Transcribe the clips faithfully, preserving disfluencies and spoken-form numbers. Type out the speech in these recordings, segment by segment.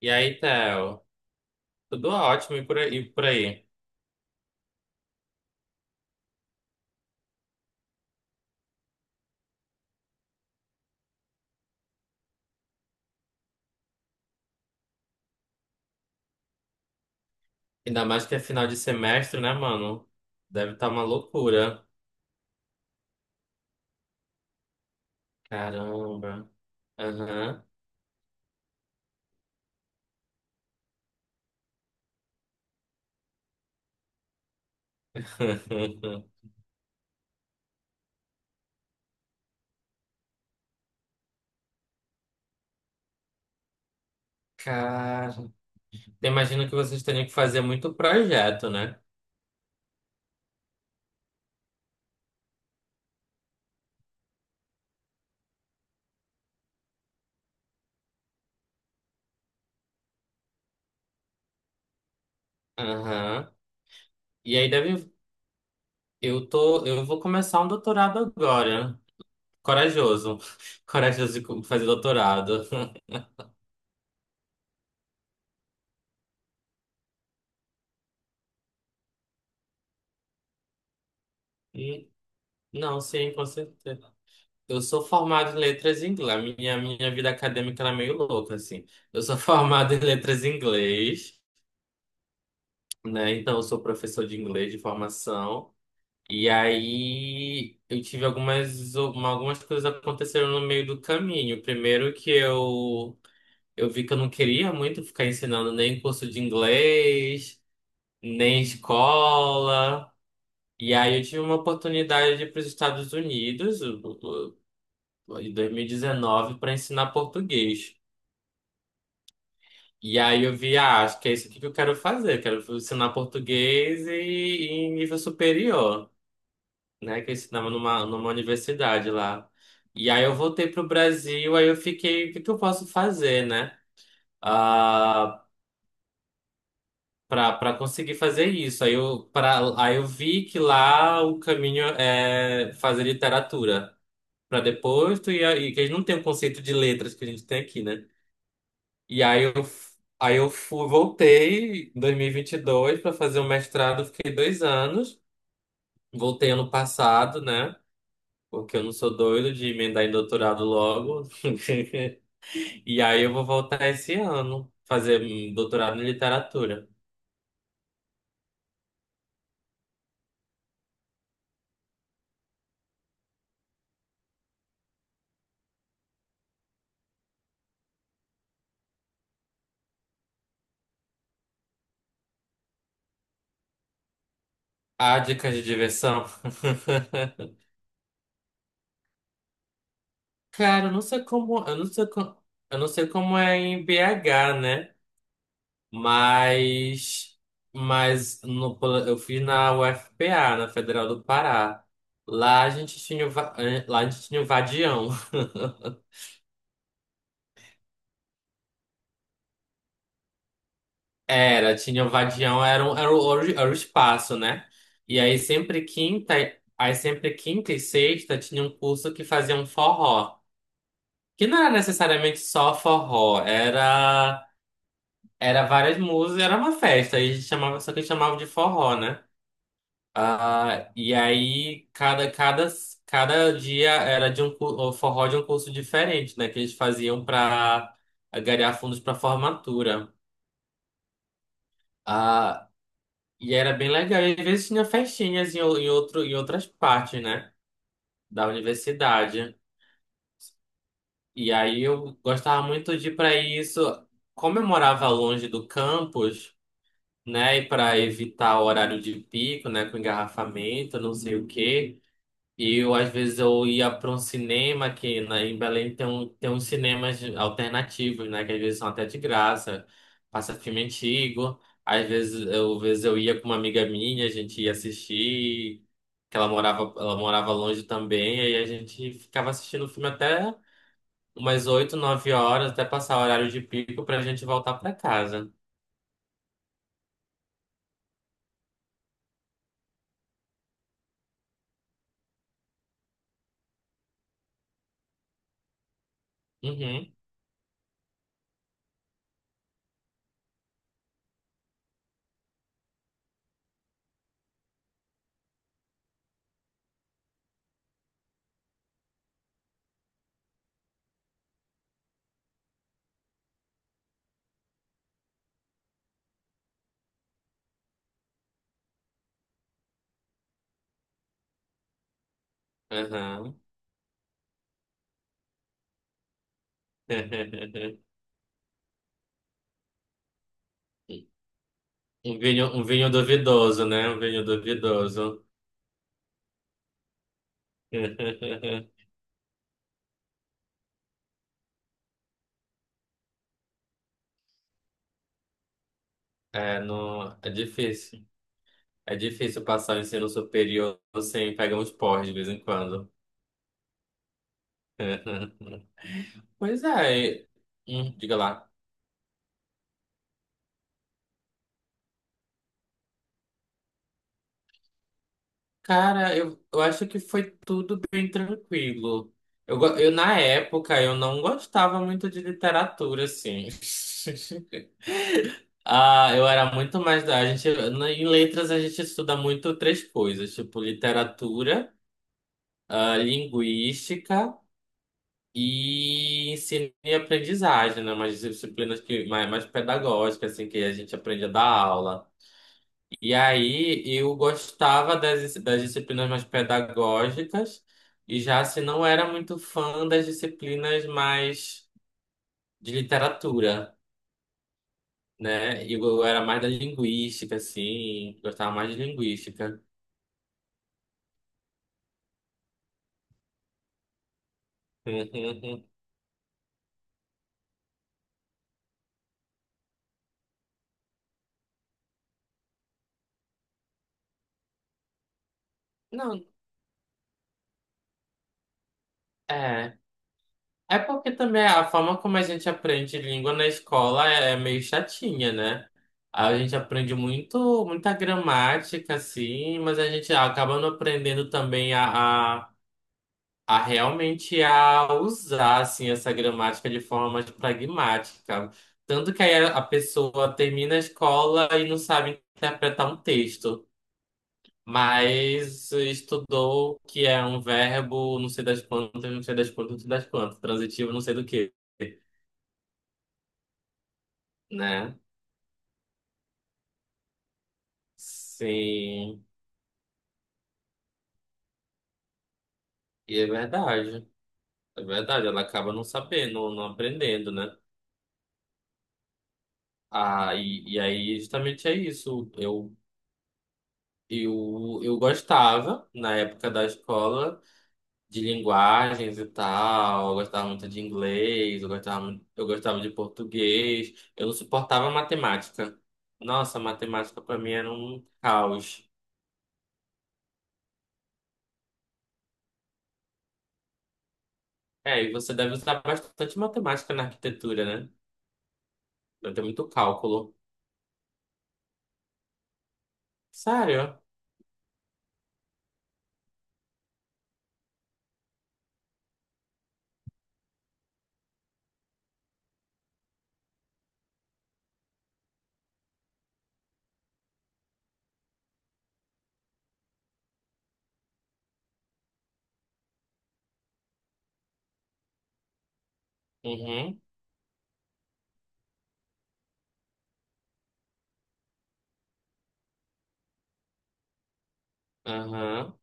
E aí, Theo? Tudo ótimo e por aí, e por aí. Ainda mais que é final de semestre, né, mano? Deve estar uma loucura. Caramba. Aham. Cara, imagino que vocês teriam que fazer muito projeto, né? Aham. E aí deve. Eu tô. Eu vou começar um doutorado agora. Corajoso. Corajoso de co- fazer doutorado. E- Não, sim, com certeza. Eu sou formado em letras em inglês. A minha, minha vida acadêmica era meio louca, assim. Eu sou formado em letras em inglês, né? Então, eu sou professor de inglês de formação. E aí, eu tive algumas, uma- algumas coisas aconteceram no meio do caminho. Primeiro que eu, eu vi que eu não queria muito ficar ensinando nem curso de inglês, nem escola. E aí, eu tive uma oportunidade de ir para os Estados Unidos, eu- eu- em dois mil e dezenove para ensinar português. E aí eu vi, ah, acho que é isso aqui que eu quero fazer. Quero ensinar português e, e em nível superior, né? Que eu ensinava numa, numa universidade lá. E aí eu voltei pro Brasil, aí eu fiquei, o que que eu posso fazer, né? Ah, pra, pra conseguir fazer isso. Aí eu, pra, aí eu vi que lá o caminho é fazer literatura. Pra depois tu ia, e que a gente não tem o conceito de letras que a gente tem aqui, né? E aí eu, f- aí eu fui, voltei em dois mil e vinte e dois para fazer o mestrado, fiquei dois anos. Voltei ano passado, né? Porque eu não sou doido de emendar em doutorado logo. E aí eu vou voltar esse ano, fazer hum, doutorado em literatura. Ah, dicas de diversão. Cara, eu não sei como, eu não sei como, eu não sei como é em B H, né? Mas, mas no, eu fiz na U F P A, na Federal do Pará. Lá a gente tinha, o va- eh, lá a gente tinha o vadião. Era, tinha o vadião, era, um, era, o, era o espaço, né? E aí sempre quinta, aí sempre quinta e sexta tinha um curso que fazia um forró. Que não era necessariamente só forró, era, era várias músicas, era uma festa, aí a gente chamava, só que chamava de forró, né? Ah, e aí, cada, cada, cada dia era de um cu- o forró de um curso diferente, né? Que eles faziam para angariar fundos para formatura. Ah, e era bem legal. E às vezes tinha festinhas em, o- em, outro, em outras partes, né? Da universidade. E aí eu gostava muito de ir para isso. Como eu morava longe do campus, né? E para evitar o horário de pico, né? Com engarrafamento, não sei o quê. E eu, às vezes, eu ia para um cinema que na, em Belém tem, um, tem uns cinemas alternativos, né? Que às vezes são até de graça, passa filme antigo. Às vezes eu, às vezes eu ia com uma amiga minha, a gente ia assistir, que ela morava, ela morava longe também, aí a gente ficava assistindo o filme até umas oito nove horas, até passar o horário de pico pra gente voltar para casa. Uhum, aham. Um vinho, um vinho duvidoso, né? Um vinho duvidoso. É, não, é difícil. É difícil passar o ensino superior sem pegar uns porres de vez em quando. Pois é, e- hum, diga lá. Cara, eu, eu acho que foi tudo bem tranquilo. Eu, go- eu, na época, eu não gostava muito de literatura, assim. Ah, eu era muito mais da... A gente, na- em letras, a gente estuda muito três coisas, tipo literatura, ah, linguística e ensino e aprendizagem, né? Umas disciplinas que, mais, mais pedagógicas, assim, que a gente aprende a dar aula. E aí eu gostava das, das disciplinas mais pedagógicas, e já se não era muito fã das disciplinas mais de literatura, né? Eu, eu era mais da linguística, assim, gostava mais de linguística. Não, é. É porque também a forma como a gente aprende língua na escola é é meio chatinha, né? A gente aprende muito, muita gramática, assim, mas a gente acaba não aprendendo também a, a, a realmente a usar, assim, essa gramática de forma mais pragmática. Tanto que aí a a pessoa termina a escola e não sabe interpretar um texto, mas estudou que é um verbo, não sei das quantas, não sei das quantas, não sei das quantas, transitivo, não sei do quê. Né? Sim, e é verdade. É verdade, ela acaba não sabendo, não aprendendo, né? Ah, e, e aí justamente é isso. Eu, eu, eu gostava, na época da escola, de linguagens e tal. Eu gostava muito de inglês, eu gostava, mu- eu gostava de português. Eu não suportava matemática. Nossa, matemática para mim era um caos. É, e você deve usar bastante matemática na arquitetura, né? Deve ter muito cálculo. Sério? Uhum, aham,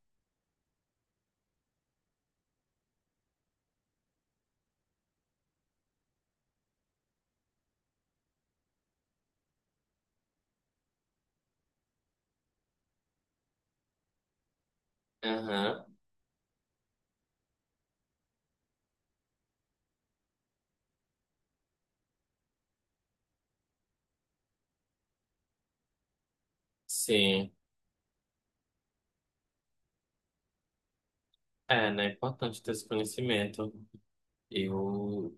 aham, sim. É, né? É importante ter esse conhecimento. Eu.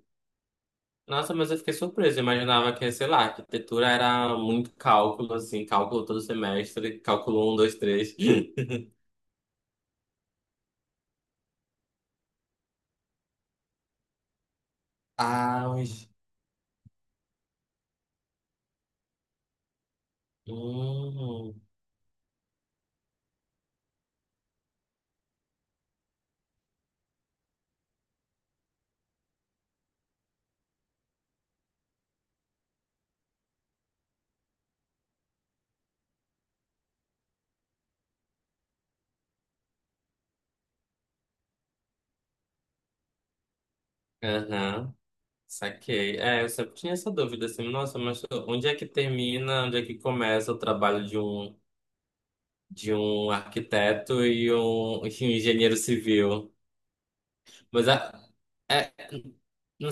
Nossa, mas eu fiquei surpreso. Eu imaginava que, sei lá, arquitetura era muito cálculo, assim, cálculo todo semestre, cálculo um, dois, três. Ah, mas. Hum, aham, saquei. É, eu sempre tinha essa dúvida, assim, nossa, mas onde é que termina, onde é que começa o trabalho de um, de um arquiteto e um, e um engenheiro civil? Mas a, é, não-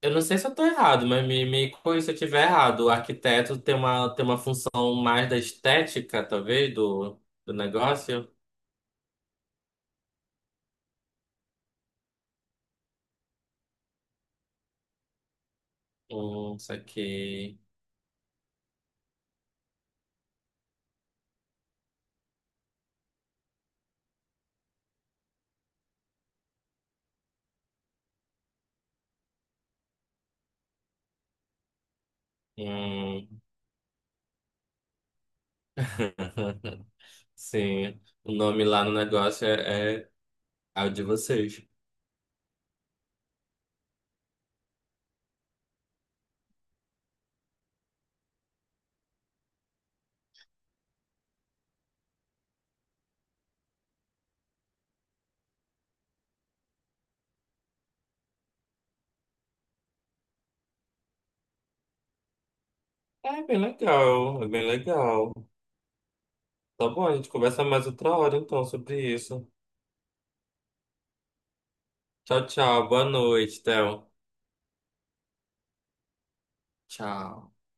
eu não sei se eu tô errado, mas me, me corrija se eu estiver errado. O arquiteto tem uma, tem uma função mais da estética, talvez, do, do negócio. Hum, isso aqui. Hum. Sim, o nome lá no negócio é, é, é o de vocês. É bem legal, é bem legal. Tá bom, a gente conversa mais outra hora então sobre isso. Tchau, tchau. Boa noite, Théo. Tchau.